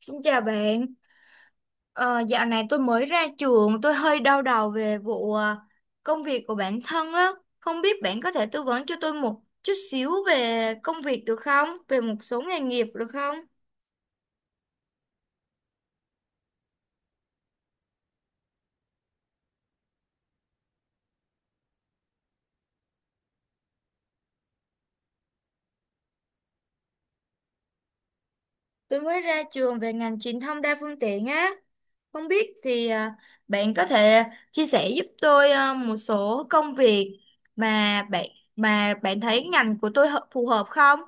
Xin chào bạn. Ờ, Dạo này tôi mới ra trường, tôi hơi đau đầu về vụ công việc của bản thân á. Không biết bạn có thể tư vấn cho tôi một chút xíu về công việc được không? Về một số nghề nghiệp được không? Tôi mới ra trường về ngành truyền thông đa phương tiện á. Không biết thì bạn có thể chia sẻ giúp tôi một số công việc mà bạn mà bạn thấy ngành của tôi phù hợp không?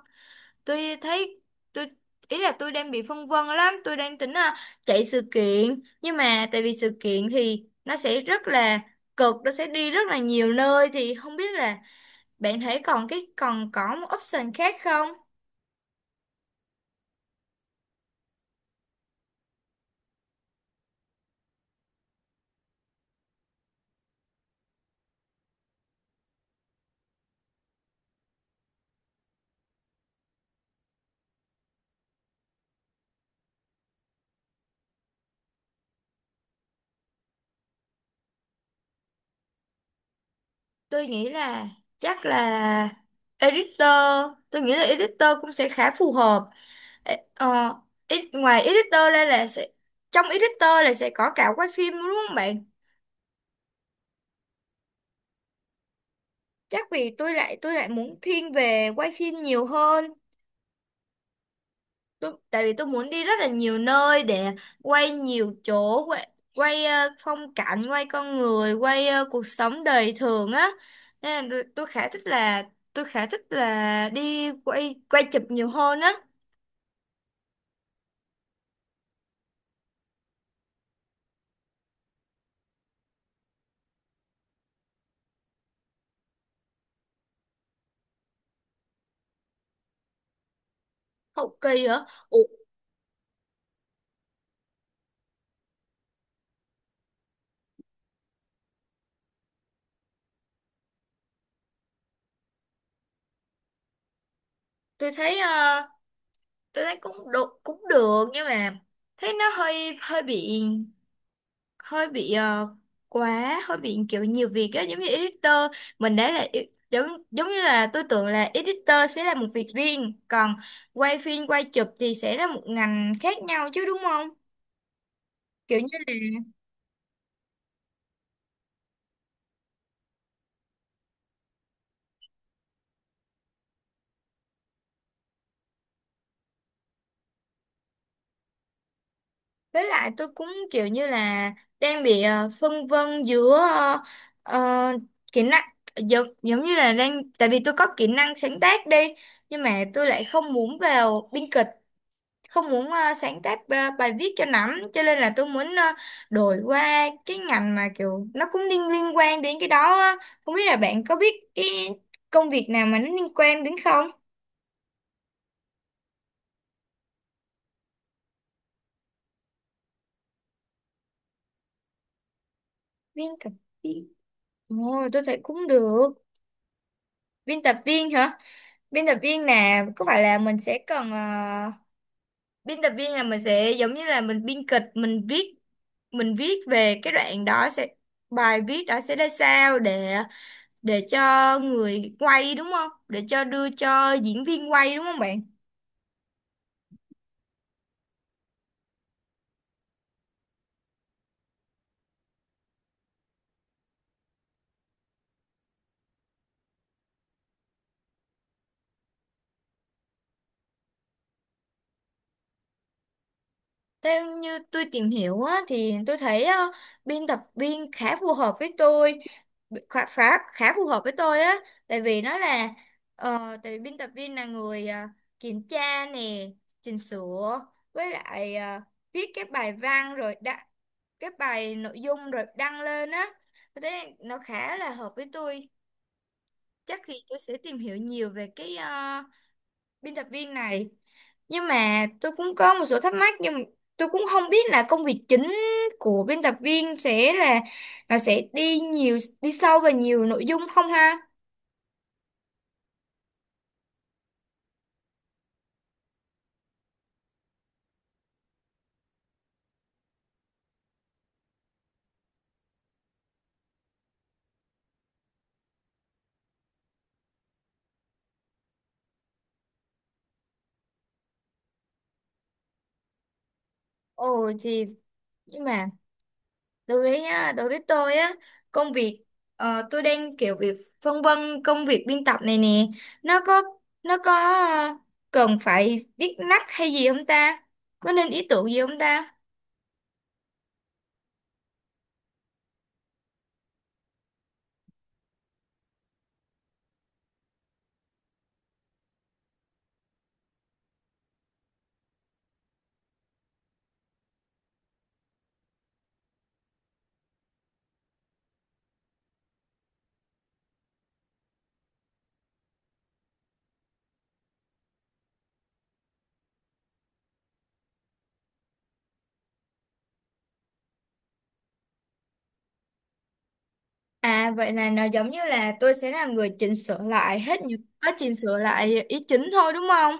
Tôi thấy tôi Ý là tôi đang bị phân vân lắm, tôi đang tính là chạy sự kiện, nhưng mà tại vì sự kiện thì nó sẽ rất là cực, nó sẽ đi rất là nhiều nơi, thì không biết là bạn thấy còn có một option khác không. Tôi nghĩ là chắc là editor, tôi nghĩ là editor cũng sẽ khá phù hợp. Ê, ờ, Ngoài editor ra là sẽ có cả quay phim đúng không bạn? Chắc vì tôi lại muốn thiên về quay phim nhiều hơn. Tại vì tôi muốn đi rất là nhiều nơi để quay nhiều chỗ, quay phong cảnh, quay con người, quay cuộc sống đời thường á. Nên là tôi khá thích là tôi khá thích là đi quay quay chụp nhiều hơn á. Hậu kỳ hả? Ủa, tôi thấy tôi thấy cũng được nhưng mà thấy nó hơi hơi bị hơi bị ờ, quá, hơi bị kiểu nhiều việc á, giống như editor. Mình đã là e- giống Giống như là tôi tưởng là editor sẽ là một việc riêng, còn quay phim quay chụp thì sẽ là một ngành khác nhau chứ đúng không? Kiểu như là Với lại tôi cũng kiểu như là đang bị phân vân giữa ờ, kỹ năng. Giống Giống như là đang tại vì tôi có kỹ năng sáng tác đi, nhưng mà tôi lại không muốn vào biên kịch, không muốn sáng tác bài viết cho lắm, cho nên là tôi muốn đổi qua cái ngành mà kiểu nó cũng liên liên quan đến cái đó á. Không biết là bạn có biết cái công việc nào mà nó liên quan đến không? Biên tập viên. Ồ, tôi thấy cũng được. Biên tập viên hả? Biên tập viên là có phải là mình sẽ cần biên tập viên là mình sẽ giống như là mình biên kịch, mình viết về cái đoạn đó sẽ bài viết đó sẽ ra sao để cho người quay đúng không? Để cho đưa cho diễn viên quay đúng không bạn? Theo như tôi tìm hiểu á, thì tôi thấy biên tập viên khá phù hợp với tôi, khá phù hợp với tôi á, tại vì nó là tại vì biên tập viên là người kiểm tra nè, chỉnh sửa, với lại viết các bài văn rồi đăng, các bài nội dung rồi đăng lên á, thế nó khá là hợp với tôi. Chắc thì tôi sẽ tìm hiểu nhiều về cái biên tập viên này. Nhưng mà tôi cũng có một số thắc mắc, nhưng mà tôi cũng không biết là công việc chính của biên tập viên sẽ là sẽ đi nhiều đi sâu vào nhiều nội dung không ha? Ồ thì nhưng mà đối với á, đối với tôi á, công việc tôi đang kiểu việc phân vân công việc biên tập này nè, nó có nó có cần phải viết lách hay gì không ta? Có nên ý tưởng gì không ta? À, vậy là nó giống như là tôi sẽ là người chỉnh sửa lại hết những có chỉnh sửa lại ý chính thôi đúng không?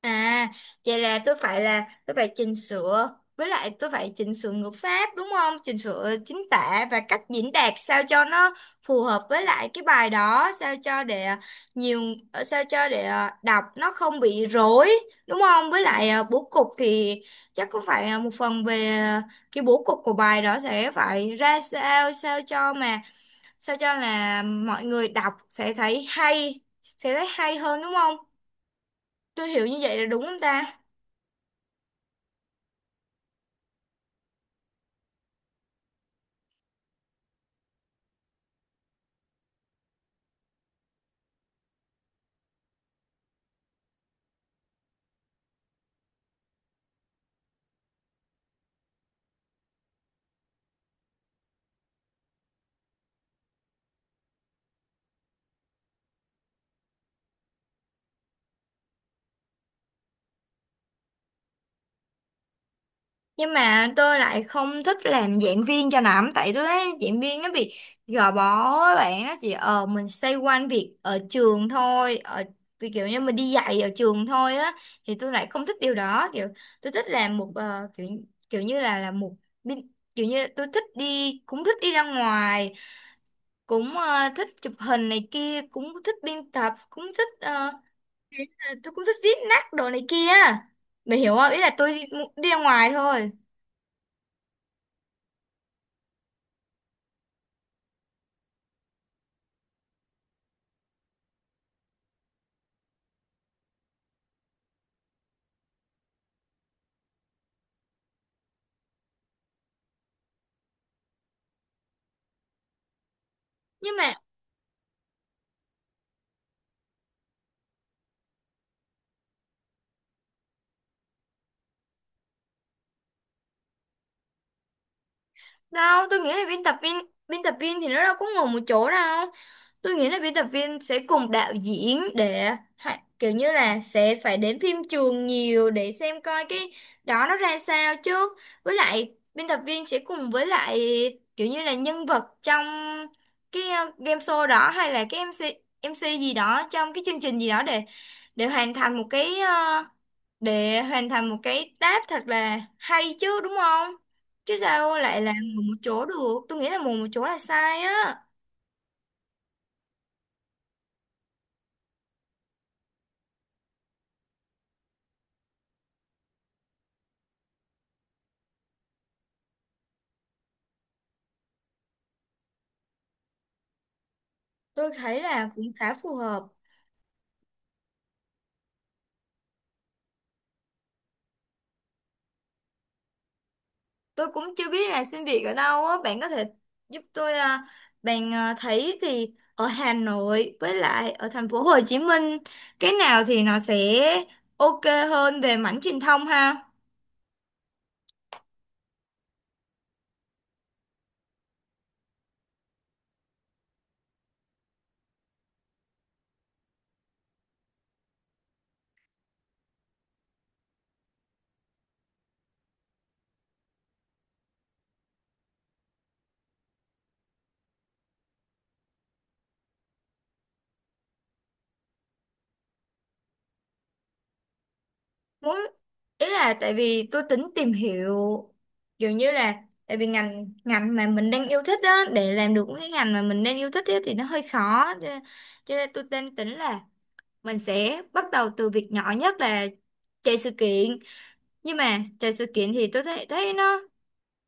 À, vậy là tôi phải chỉnh sửa, với lại tôi phải chỉnh sửa ngữ pháp đúng không? Chỉnh sửa chính tả và cách diễn đạt sao cho nó phù hợp với lại cái bài đó, sao cho để nhiều sao cho để đọc nó không bị rối đúng không? Với lại bố cục thì chắc cũng phải một phần về cái bố cục của bài đó sẽ phải ra sao, sao cho mà sao cho là mọi người đọc sẽ thấy hay, sẽ thấy hay hơn đúng không? Tôi hiểu như vậy là đúng không ta? Nhưng mà tôi lại không thích làm giảng viên cho lắm, tại tôi thấy giảng viên nó bị gò bó á bạn, nó chỉ ờ mình xoay quanh việc ở trường thôi, ở thì kiểu như mình đi dạy ở trường thôi á, thì tôi lại không thích điều đó. Kiểu tôi thích làm một kiểu kiểu như là một bin- kiểu như tôi thích đi, cũng thích đi ra ngoài, cũng thích chụp hình này kia, cũng thích biên tập, cũng thích tôi cũng thích viết nát đồ này kia. Mày hiểu không, ý là tôi đi, đi ra ngoài thôi. Nhưng mà đâu, tôi nghĩ là biên tập viên thì nó đâu có ngồi một chỗ đâu. Tôi nghĩ là biên tập viên sẽ cùng đạo diễn để kiểu như là sẽ phải đến phim trường nhiều để xem coi cái đó nó ra sao chứ. Với lại biên tập viên sẽ cùng với lại kiểu như là nhân vật trong cái game show đó, hay là cái MC MC gì đó trong cái chương trình gì đó, để hoàn thành một cái để hoàn thành một cái task thật là hay chứ đúng không? Chứ sao lại là ngồi một chỗ được? Tôi nghĩ là ngồi một chỗ là sai á. Tôi thấy là cũng khá phù hợp. Tôi cũng chưa biết là xin việc ở đâu á. Bạn có thể giúp tôi à, bạn à, thấy thì ở Hà Nội với lại ở thành phố Hồ Chí Minh cái nào thì nó sẽ ok hơn về mảng truyền thông ha? Muốn ý là tại vì tôi tính tìm hiểu kiểu như là tại vì ngành ngành mà mình đang yêu thích á, để làm được cái ngành mà mình đang yêu thích á, thì nó hơi khó cho nên tôi đang tính là mình sẽ bắt đầu từ việc nhỏ nhất là chạy sự kiện. Nhưng mà chạy sự kiện thì tôi thấy thấy nó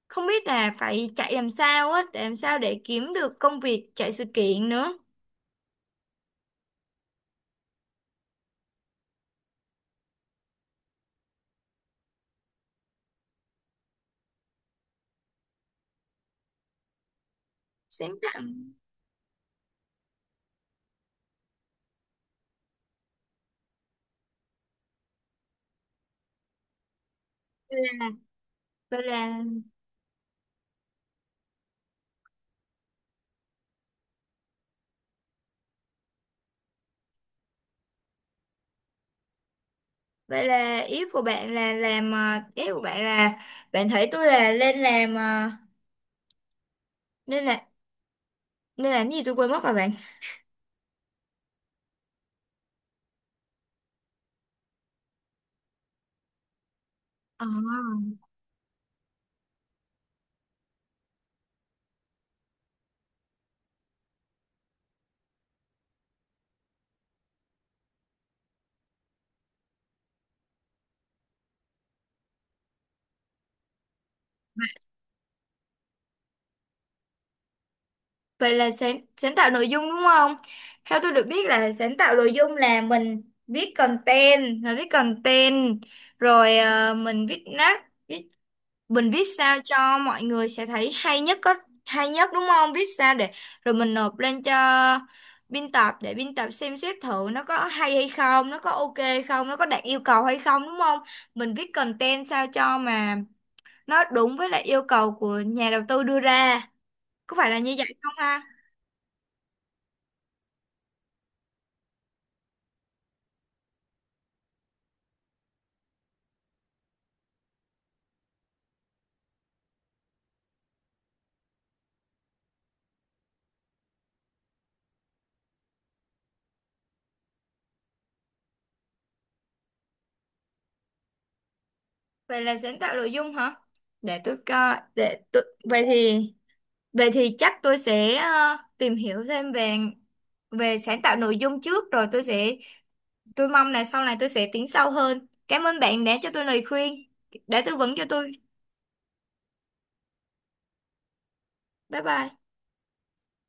không biết là phải chạy làm sao á, để làm sao để kiếm được công việc chạy sự kiện nữa. Sáng tạo vậy là vậy là ý của bạn là làm ý của bạn là bạn thấy tôi là lên làm nên là nên làm cái gì tôi quên mất rồi bạn. Ờ. Vậy là sáng tạo nội dung đúng không? Theo tôi được biết là sáng tạo nội dung là mình viết content, là viết content, rồi mình viết nát, mình viết sao cho mọi người sẽ thấy hay nhất hay nhất đúng không? Viết sao để rồi mình nộp lên cho biên tập để biên tập xem xét thử nó có hay hay không, nó có ok hay không, nó có đạt yêu cầu hay không đúng không? Mình viết content sao cho mà nó đúng với lại yêu cầu của nhà đầu tư đưa ra. Có phải là như vậy không ha? Vậy là sáng tạo nội dung hả? Để tôi coi, để tôi... Vậy thì chắc tôi sẽ tìm hiểu thêm về về sáng tạo nội dung trước, rồi tôi mong là sau này tôi sẽ tiến sâu hơn. Cảm ơn bạn đã cho tôi lời khuyên, đã tư vấn cho tôi. Bye bye.